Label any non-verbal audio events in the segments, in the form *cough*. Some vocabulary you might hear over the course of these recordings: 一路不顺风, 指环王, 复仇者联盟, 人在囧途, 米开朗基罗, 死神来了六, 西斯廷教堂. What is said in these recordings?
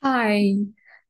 嗨，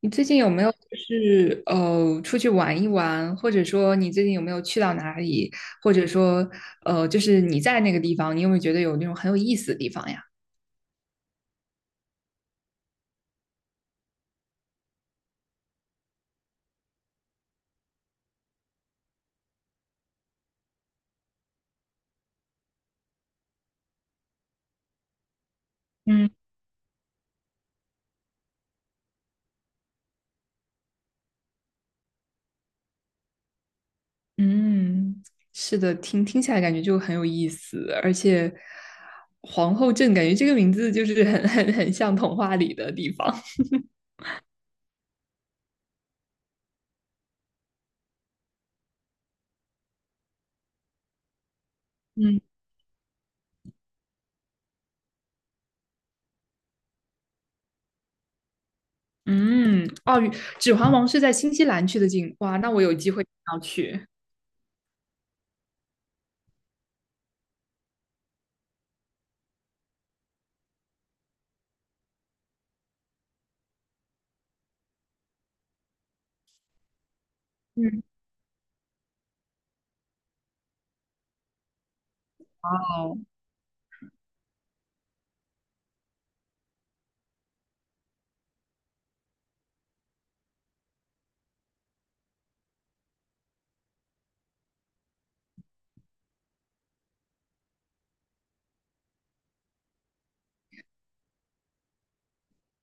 你最近有没有出去玩一玩，或者说你最近有没有去到哪里，或者说就是你在那个地方，你有没有觉得有那种很有意思的地方呀？嗯嗯，是的，听起来感觉就很有意思，而且皇后镇感觉这个名字就是很像童话里的地方。嗯嗯，哦，指环王是在新西兰去的景，哇，那我有机会一定要去。嗯。哇哦。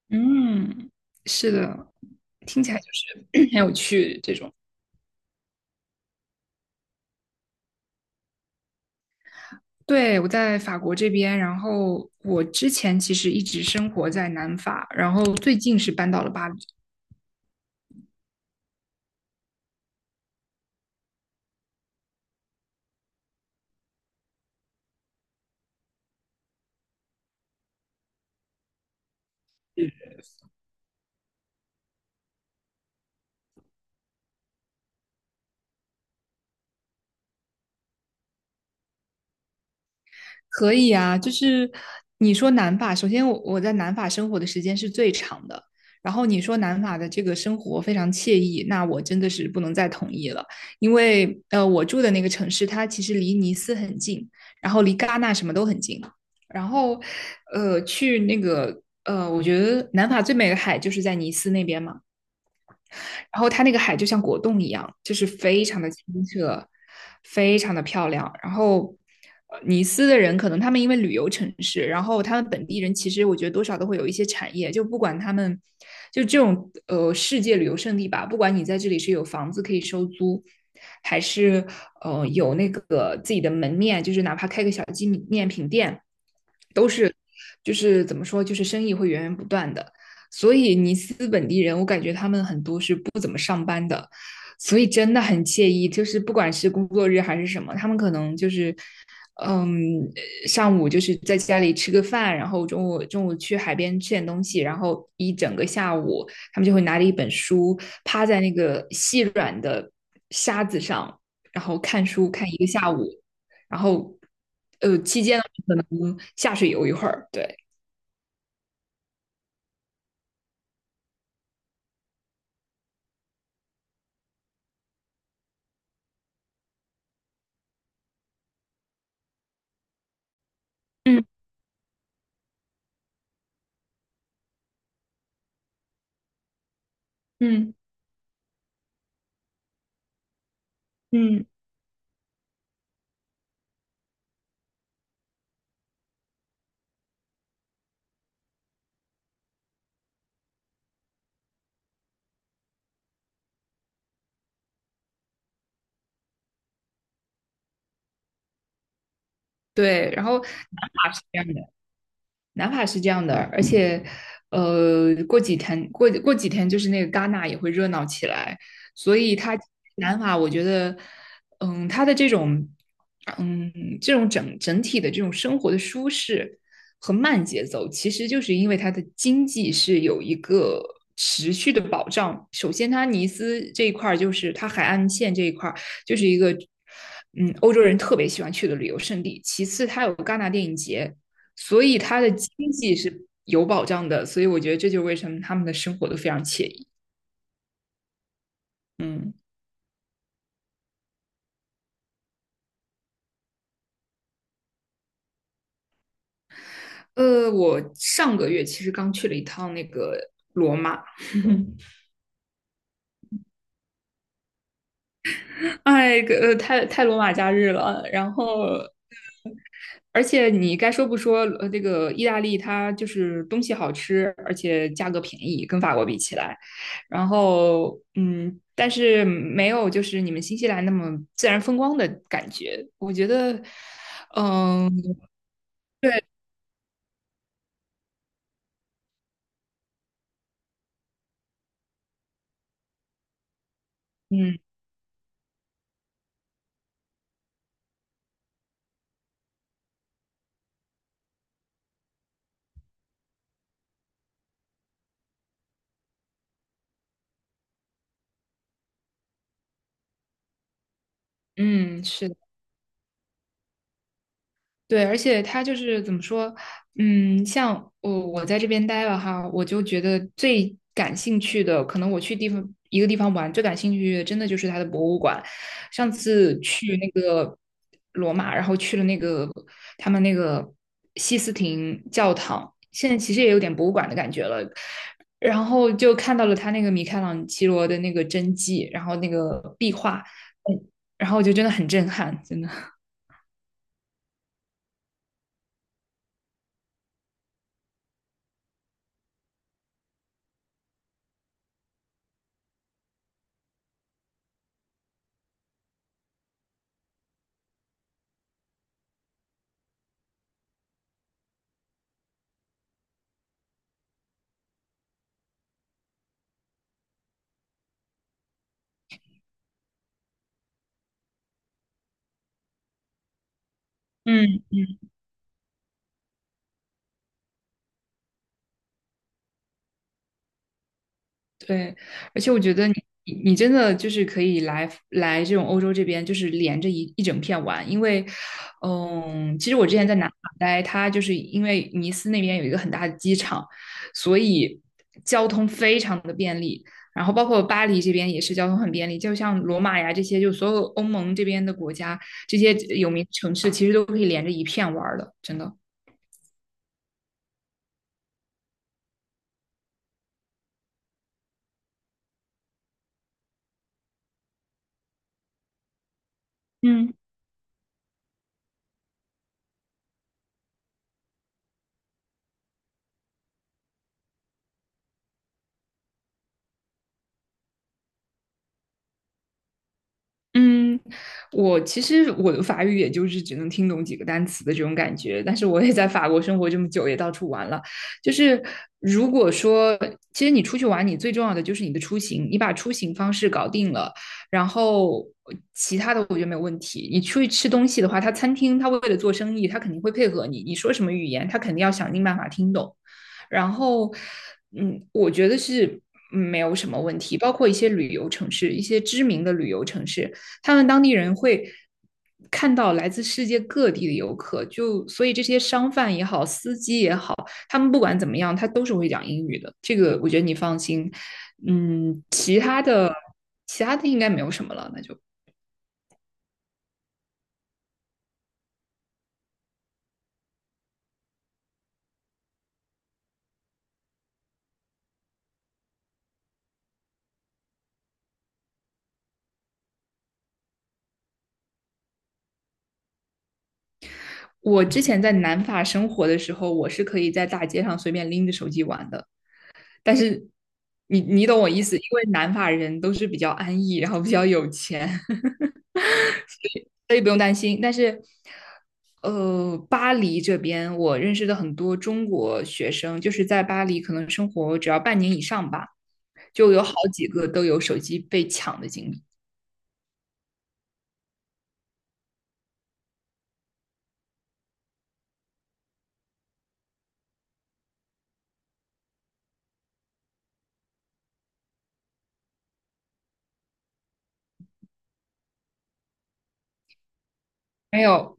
嗯，是的，听起来就是 *coughs* 很有趣这种。对，我在法国这边，然后我之前其实一直生活在南法，然后最近是搬到了巴黎。可以啊，就是你说南法，首先我在南法生活的时间是最长的，然后你说南法的这个生活非常惬意，那我真的是不能再同意了，因为我住的那个城市它其实离尼斯很近，然后离戛纳什么都很近，然后去那个我觉得南法最美的海就是在尼斯那边嘛。然后它那个海就像果冻一样，就是非常的清澈，非常的漂亮。然后尼斯的人可能他们因为旅游城市，然后他们本地人其实我觉得多少都会有一些产业，就不管他们就这种世界旅游胜地吧，不管你在这里是有房子可以收租。还是有那个自己的门面，就是哪怕开个小纪念品店，都是就是怎么说，就是生意会源源不断的。所以尼斯本地人，我感觉他们很多是不怎么上班的，所以真的很惬意。就是不管是工作日还是什么，他们可能就是，嗯，上午就是在家里吃个饭，然后中午去海边吃点东西，然后一整个下午，他们就会拿着一本书，趴在那个细软的沙子上，然后看书看一个下午，然后期间下水游一会儿。对，嗯嗯嗯，对，然后南法是这样的，南法是这样的，而且，过几天过几天就是那个戛纳也会热闹起来，所以它南法我觉得，嗯，它的这种，嗯，这种整体的这种生活的舒适和慢节奏，其实就是因为它的经济是有一个持续的保障。首先，它尼斯这一块儿就是它海岸线这一块儿就是一个。嗯，欧洲人特别喜欢去的旅游胜地。其次，它有戛纳电影节，所以他的经济是有保障的，所以我觉得这就是为什么他们的生活都非常惬意。嗯，我上个月其实刚去了一趟那个罗马，*laughs* 哎，太罗马假日了，然后。而且你该说不说，这个意大利它就是东西好吃，而且价格便宜，跟法国比起来。然后，嗯，但是没有就是你们新西兰那么自然风光的感觉。我觉得，嗯、对，嗯嗯，是的，对，而且他就是怎么说，嗯，像我在这边待了哈，我就觉得最感兴趣的，可能我去地方一个地方玩，最感兴趣的真的就是它的博物馆。上次去那个罗马，然后去了那个他们那个西斯廷教堂，现在其实也有点博物馆的感觉了。然后就看到了他那个米开朗基罗的那个真迹，然后那个壁画，嗯，然后我就真的很震撼，真的。嗯。对，而且我觉得你真的就是可以来这种欧洲这边，就是连着一整片玩，因为，嗯，其实我之前在南法待，它就是因为尼斯那边有一个很大的机场，所以交通非常的便利，然后包括巴黎这边也是交通很便利，就像罗马呀这些，就所有欧盟这边的国家，这些有名城市其实都可以连着一片玩儿的，真的。嗯。嗯，我其实的法语也就是只能听懂几个单词的这种感觉，但是我也在法国生活这么久，也到处玩了。就是如果说，其实你出去玩，你最重要的就是你的出行，你把出行方式搞定了，然后其他的我觉得没有问题。你出去吃东西的话，他餐厅他为了做生意，他肯定会配合你，你说什么语言，他肯定要想尽办法听懂。然后，嗯，我觉得是没有什么问题。包括一些旅游城市，一些知名的旅游城市，他们当地人会看到来自世界各地的游客，就所以这些商贩也好，司机也好，他们不管怎么样，他都是会讲英语的。这个我觉得你放心。嗯，其他的应该没有什么了，那就。我之前在南法生活的时候，我是可以在大街上随便拎着手机玩的，但是你懂我意思，因为南法人都是比较安逸，然后比较有钱，所以不用担心。但是，巴黎这边我认识的很多中国学生，就是在巴黎可能生活只要半年以上吧，就有好几个都有手机被抢的经历。没有，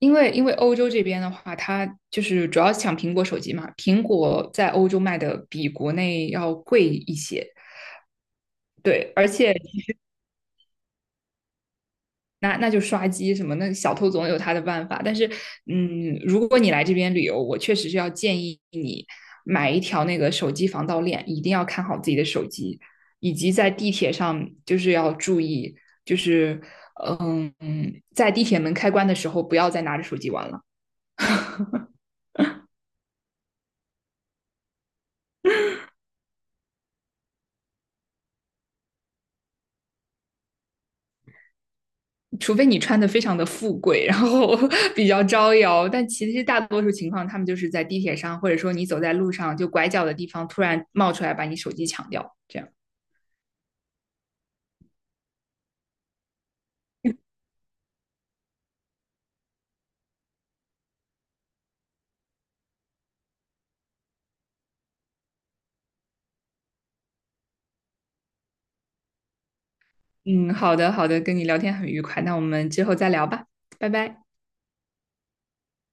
因为欧洲这边的话，它就是主要抢苹果手机嘛，苹果在欧洲卖的比国内要贵一些。对，而且那就刷机什么，那小偷总有他的办法。但是，嗯，如果你来这边旅游，我确实是要建议你买一条那个手机防盗链，一定要看好自己的手机，以及在地铁上就是要注意，就是嗯，在地铁门开关的时候不要再拿着手机玩了，除非你穿的非常的富贵，然后 *laughs* 比较招摇。但其实大多数情况，他们就是在地铁上，或者说你走在路上，就拐角的地方突然冒出来把你手机抢掉，这样。嗯，好的，好的，跟你聊天很愉快，那我们之后再聊吧，拜拜。